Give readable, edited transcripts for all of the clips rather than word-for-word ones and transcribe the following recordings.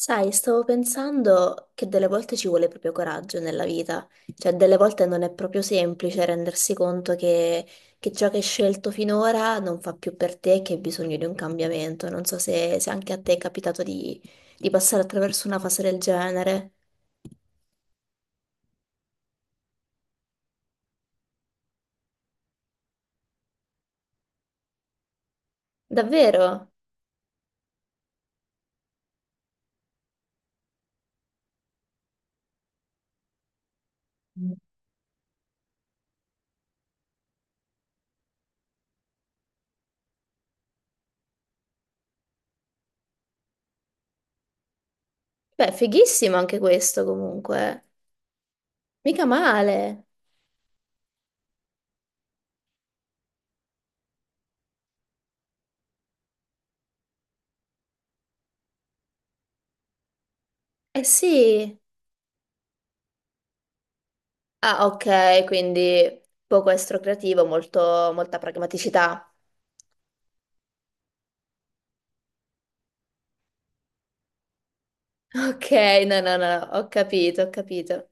Sai, stavo pensando che delle volte ci vuole proprio coraggio nella vita, cioè delle volte non è proprio semplice rendersi conto che ciò che hai scelto finora non fa più per te e che hai bisogno di un cambiamento. Non so se anche a te è capitato di passare attraverso una fase del genere. Davvero? Beh, fighissimo anche questo comunque. Eh. Mica male. Eh sì. Ah, ok, quindi poco estrocreativo, molta pragmaticità. Ok, no, no, no, ho capito, ho capito.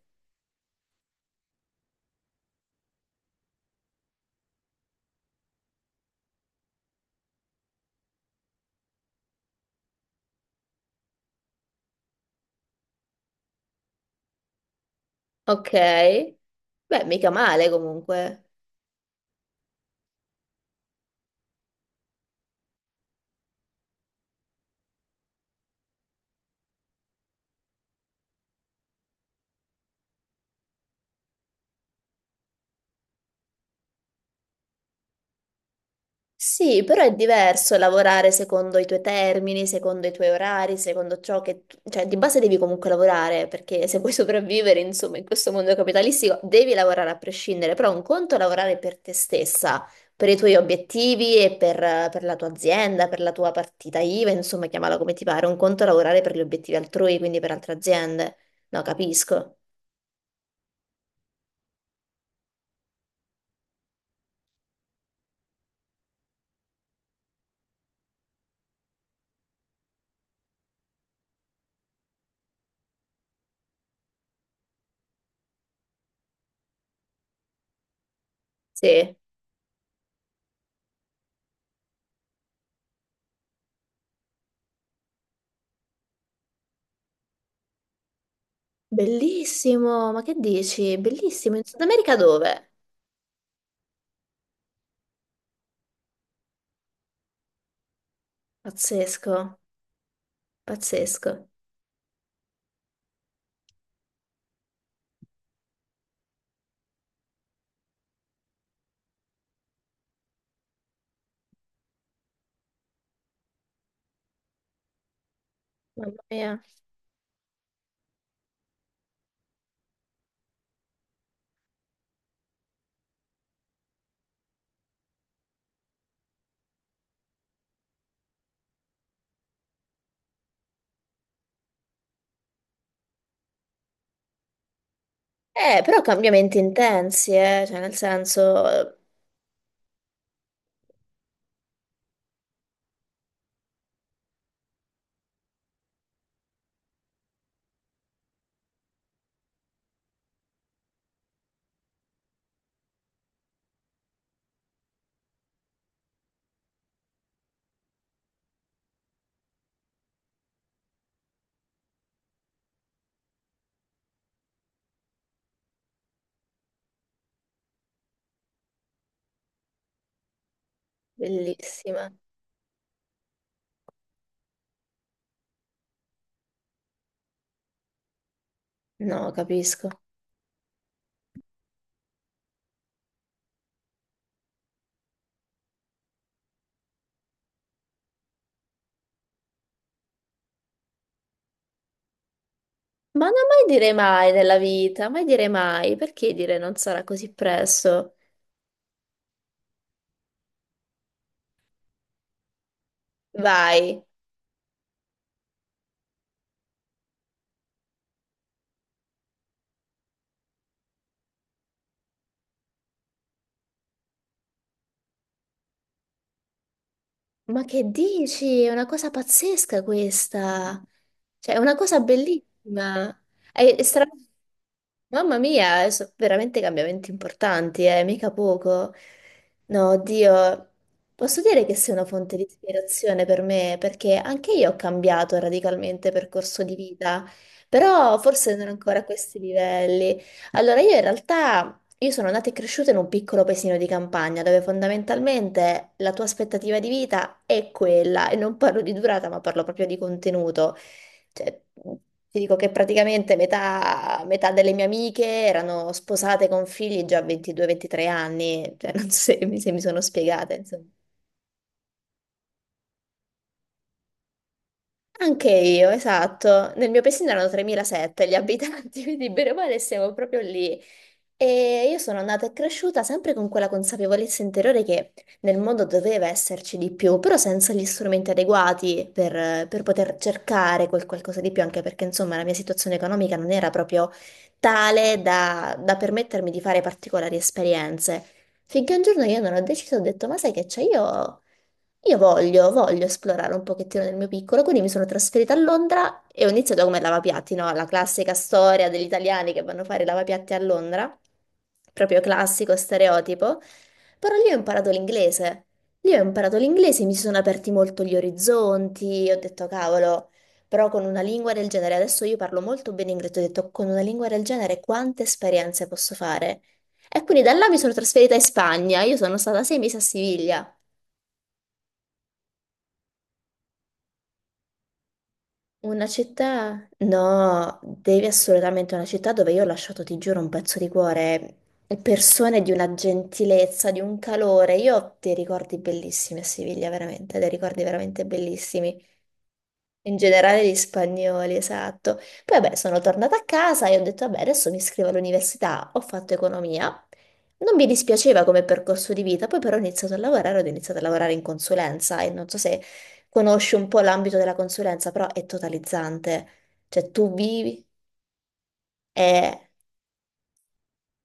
Ok, beh, mica male comunque. Sì, però è diverso lavorare secondo i tuoi termini, secondo i tuoi orari. Secondo ciò che... tu- Cioè, di base devi comunque lavorare, perché se vuoi sopravvivere, insomma, in questo mondo capitalistico, devi lavorare a prescindere, però un conto è lavorare per te stessa, per i tuoi obiettivi e per la tua azienda, per la tua partita IVA, insomma, chiamala come ti pare. Un conto è lavorare per gli obiettivi altrui, quindi per altre aziende. No, capisco. Sì. Bellissimo, ma che dici? Bellissimo, in Sud America dove? Pazzesco, pazzesco, mamma mia. Però cambiamenti intensi, cioè nel senso, bellissima. No, capisco. Ma non mai dire mai nella vita, mai dire mai, perché dire non sarà così presto? Vai. Ma che dici? È una cosa pazzesca questa. Cioè, è una cosa bellissima. È, è stra- Mamma mia, sono veramente cambiamenti importanti, mica poco. No, Dio, posso dire che sei una fonte di ispirazione per me, perché anche io ho cambiato radicalmente percorso di vita, però forse non ancora a questi livelli. Allora, io in realtà io sono nata e cresciuta in un piccolo paesino di campagna dove fondamentalmente la tua aspettativa di vita è quella, e non parlo di durata, ma parlo proprio di contenuto. Cioè, ti dico che praticamente metà delle mie amiche erano sposate con figli già a 22-23 anni, cioè, non so se mi sono spiegata, insomma. Anche io, esatto. Nel mio paesino erano 3007 gli abitanti, quindi bene o male siamo proprio lì. E io sono andata e cresciuta sempre con quella consapevolezza interiore che nel mondo doveva esserci di più, però senza gli strumenti adeguati per poter cercare quel qualcosa di più, anche perché insomma la mia situazione economica non era proprio tale da permettermi di fare particolari esperienze. Finché un giorno io non ho deciso, ho detto, ma sai che c'è, io voglio esplorare un pochettino nel mio piccolo, quindi mi sono trasferita a Londra e ho iniziato come lavapiatti, no? La classica storia degli italiani che vanno a fare i lavapiatti a Londra, proprio classico stereotipo, però lì ho imparato l'inglese. Lì ho imparato l'inglese, mi si sono aperti molto gli orizzonti, ho detto cavolo, però con una lingua del genere, adesso io parlo molto bene inglese, ho detto con una lingua del genere quante esperienze posso fare? E quindi da là mi sono trasferita in Spagna, io sono stata 6 mesi a Siviglia. Una città? No, devi assolutamente una città dove io ho lasciato, ti giuro, un pezzo di cuore. Persone di una gentilezza, di un calore. Io ho dei ricordi bellissimi a Siviglia, veramente, dei ricordi veramente bellissimi. In generale gli spagnoli, esatto. Poi vabbè, sono tornata a casa e ho detto, vabbè, adesso mi iscrivo all'università, ho fatto economia. Non mi dispiaceva come percorso di vita, poi però ho iniziato a lavorare, ho iniziato a lavorare in consulenza e non so se conosci un po' l'ambito della consulenza, però è totalizzante. Cioè tu vivi e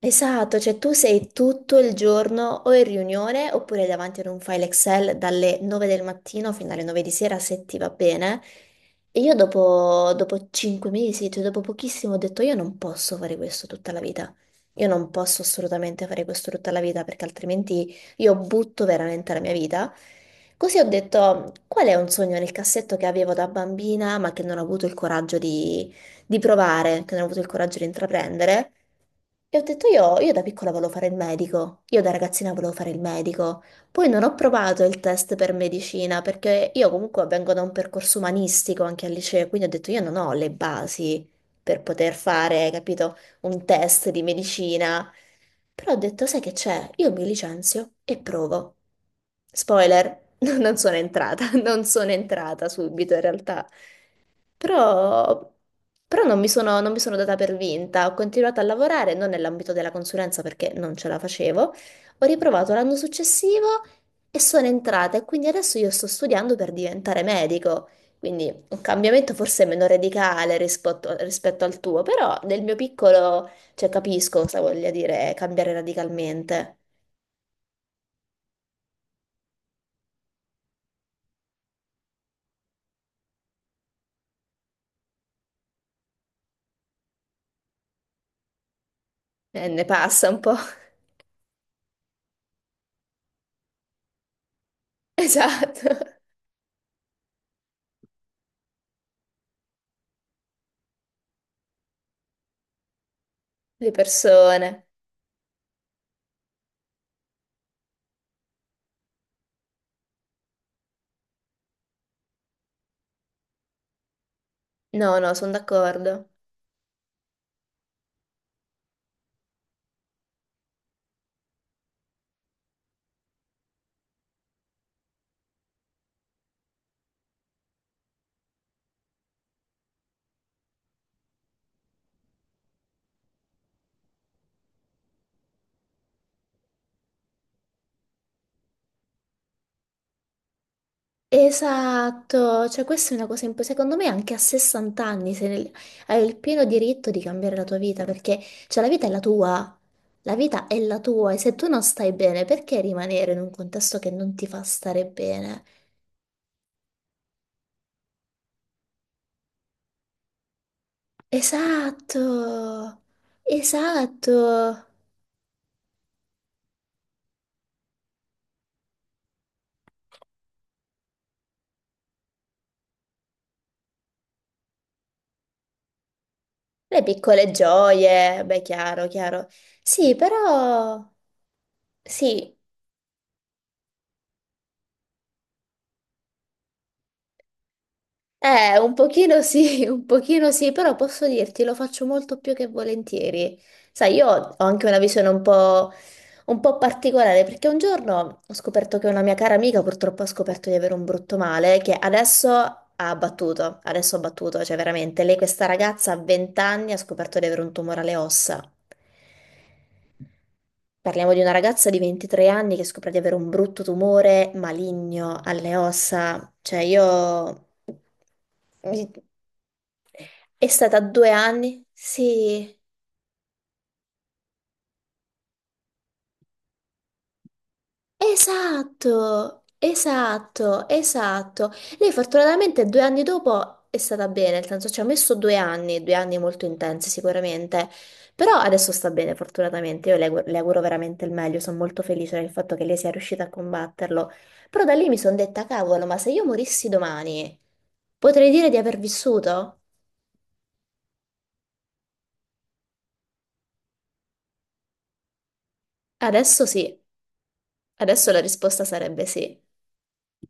Esatto, cioè tu sei tutto il giorno o in riunione oppure davanti ad un file Excel dalle 9 del mattino fino alle 9 di sera se ti va bene. E io dopo 5 mesi, cioè dopo pochissimo, ho detto io non posso fare questo tutta la vita. Io non posso assolutamente fare questo tutta la vita perché altrimenti io butto veramente la mia vita. Così ho detto qual è un sogno nel cassetto che avevo da bambina ma che non ho avuto il coraggio di provare, che non ho avuto il coraggio di intraprendere. E ho detto io da piccola volevo fare il medico, io da ragazzina volevo fare il medico, poi non ho provato il test per medicina perché io comunque vengo da un percorso umanistico anche al liceo, quindi ho detto io non ho le basi per poter fare, capito, un test di medicina, però ho detto sai che c'è, io mi licenzio e provo. Spoiler, non sono entrata subito in realtà. Però, però, non mi sono data per vinta, ho continuato a lavorare, non nell'ambito della consulenza perché non ce la facevo, ho riprovato l'anno successivo e sono entrata e quindi adesso io sto studiando per diventare medico, quindi un cambiamento forse meno radicale rispetto al tuo, però nel mio piccolo, cioè, capisco cosa voglia dire cambiare radicalmente. Ne passa un po'. Esatto, le persone. No, no, sono d'accordo. Esatto, cioè questa è una cosa importante, secondo me anche a 60 anni se ne- hai il pieno diritto di cambiare la tua vita, perché cioè, la vita è la tua, la vita è la tua e se tu non stai bene perché rimanere in un contesto che non ti fa stare bene? Esatto, esatto, le piccole gioie, beh chiaro, chiaro, sì però sì. Un pochino sì, un pochino sì, però posso dirti, lo faccio molto più che volentieri. Sai, io ho anche una visione un po' particolare, perché un giorno ho scoperto che una mia cara amica purtroppo ha scoperto di avere un brutto male che adesso ha abbattuto, cioè veramente, lei questa ragazza a 20 anni ha scoperto di avere un tumore alle ossa. Parliamo di una ragazza di 23 anni che scopre di avere un brutto tumore maligno alle ossa, è stata 2 anni? Sì, esatto, esatto, esatto. Lei fortunatamente 2 anni dopo è stata bene, nel senso ci ha messo 2 anni, 2 anni molto intensi sicuramente, però adesso sta bene fortunatamente, io le auguro veramente il meglio, sono molto felice del fatto che lei sia riuscita a combatterlo, però da lì mi sono detta, cavolo, ma se io morissi domani, potrei dire di aver vissuto? Adesso sì, adesso la risposta sarebbe sì.